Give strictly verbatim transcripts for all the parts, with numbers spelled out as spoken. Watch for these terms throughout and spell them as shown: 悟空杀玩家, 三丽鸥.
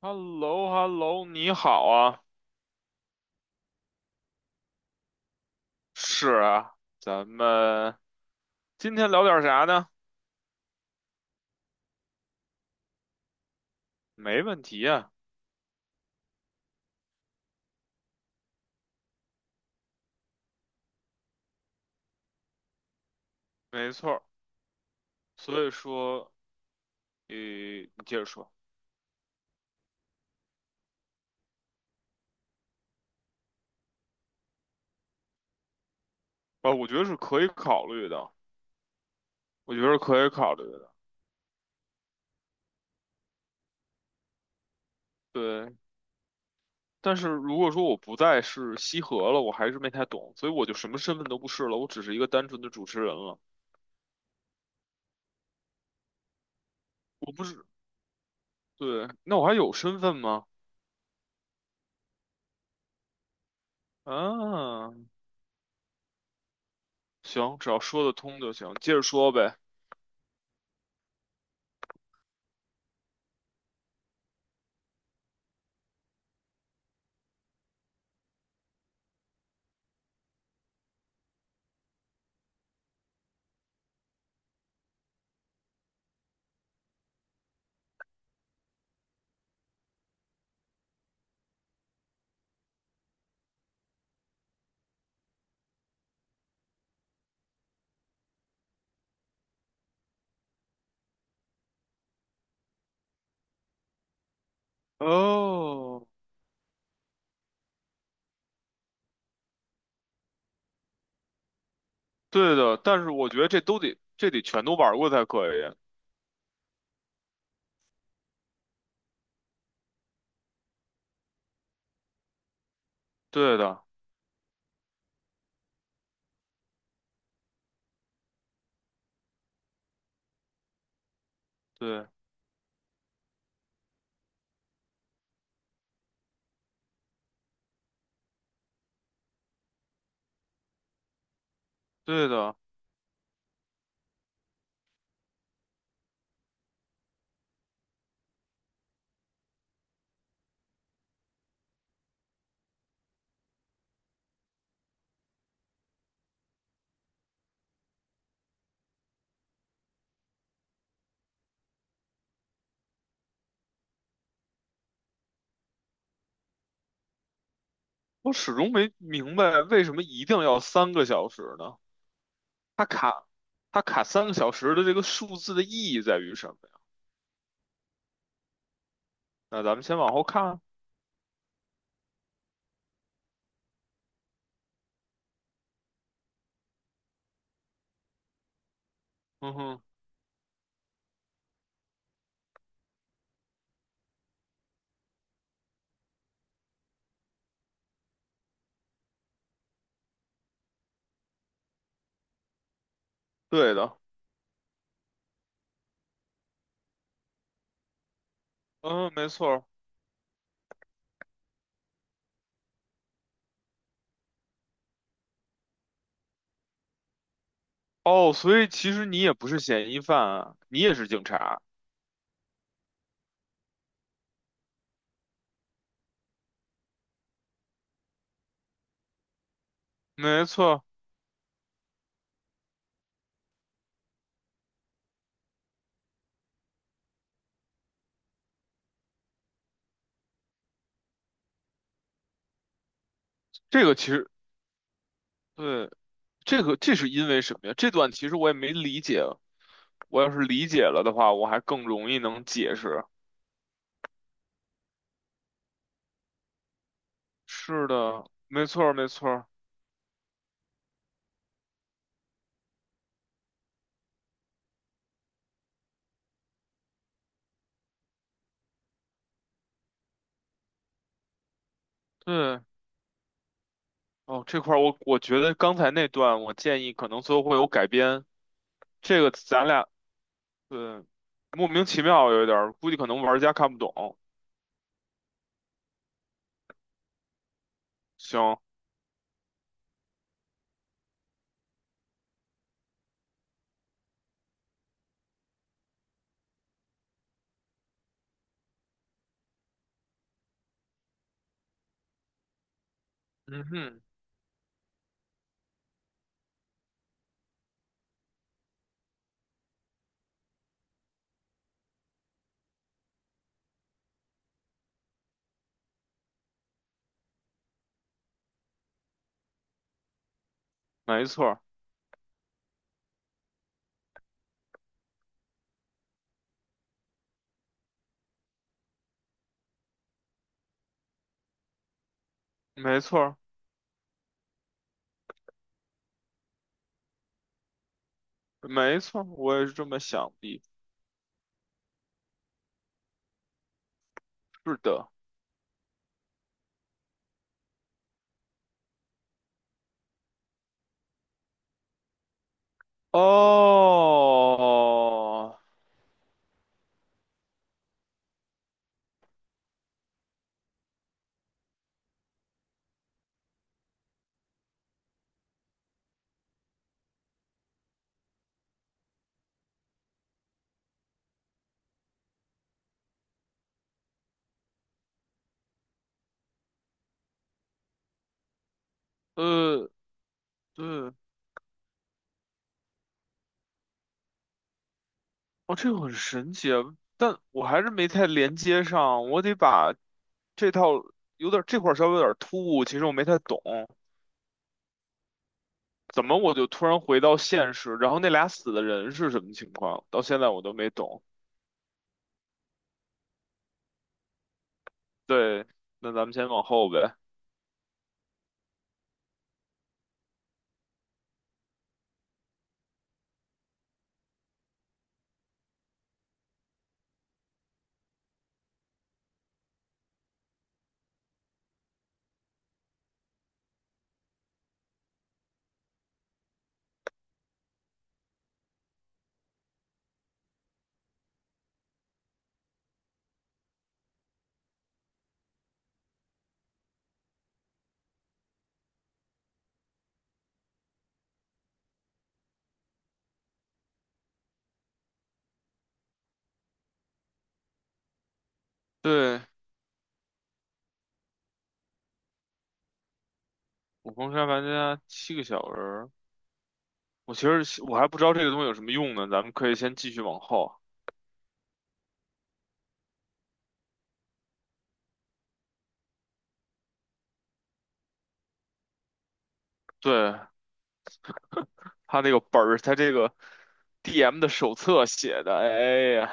h e l l o h e l l o 你好啊，是啊，咱们今天聊点啥呢？没问题啊，没错儿。所以说，呃，你接着说啊，我觉得是可以考虑的，我觉得是可以考虑的。对，但是如果说我不再是西河了，我还是没太懂，所以我就什么身份都不是了，我只是一个单纯的主持人了。我不是，对，那我还有身份吗？嗯，行，只要说得通就行，接着说呗。哦。对的，但是我觉得这都得这得全都玩过才可以。对的，对对的，我始终没明白为什么一定要三个小时呢？它卡它卡三个小时的这个数字的意义在于什么呀？那咱们先往后看啊。嗯哼，对的，嗯，没错儿。哦，所以其实你也不是嫌疑犯啊，你也是警察。没错儿。这个其实对，这个这是因为什么呀？这段其实我也没理解，我要是理解了的话，我还更容易能解释。是的，没错儿，没错儿。对，哦，这块儿我我觉得刚才那段，我建议可能最后会有改编。这个咱俩对莫名其妙有一点儿，估计可能玩家看不懂。行，嗯哼，没错儿，没错儿，没错儿，我也是这么想的。是的，哦，呃，对。哦，这个很神奇啊，但我还是没太连接上，我得把这套有点这块儿稍微有点突兀，其实我没太懂，怎么我就突然回到现实，然后那俩死的人是什么情况，到现在我都没懂。对，那咱们先往后呗。对，《悟空杀玩家》七个小人儿，我其实我还不知道这个东西有什么用呢，咱们可以先继续往后。对，他这个本儿，他这个 D M 的手册写的，哎呀，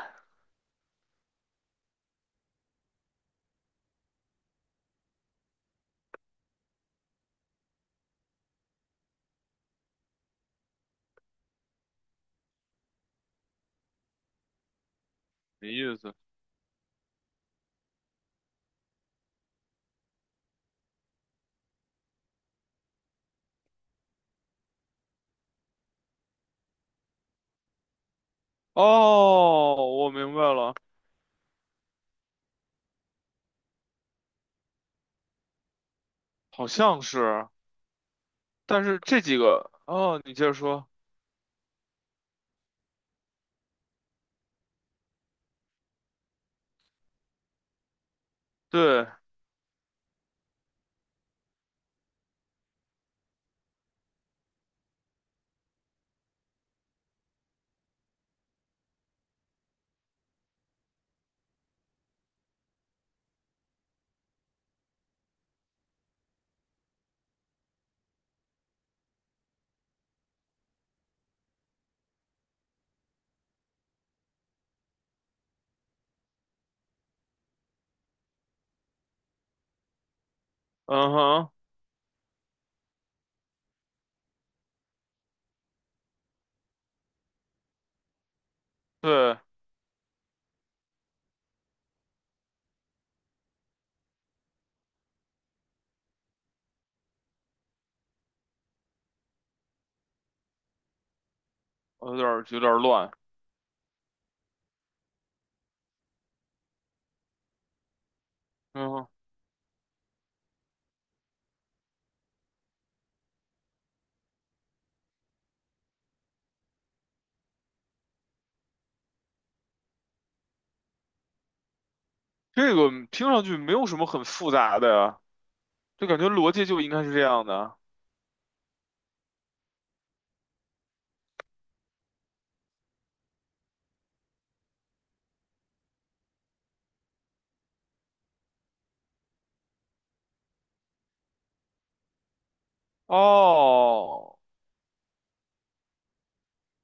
没意思。哦，我明白了，好像是，但是这几个，哦，你接着说，对，嗯哼，对，我有点儿有点儿乱，嗯哼，这个听上去没有什么很复杂的呀，就感觉逻辑就应该是这样的，哦，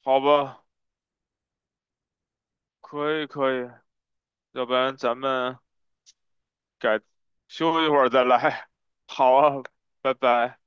好吧，可以可以，要不然咱们改，休息一会儿再来，好啊，拜拜。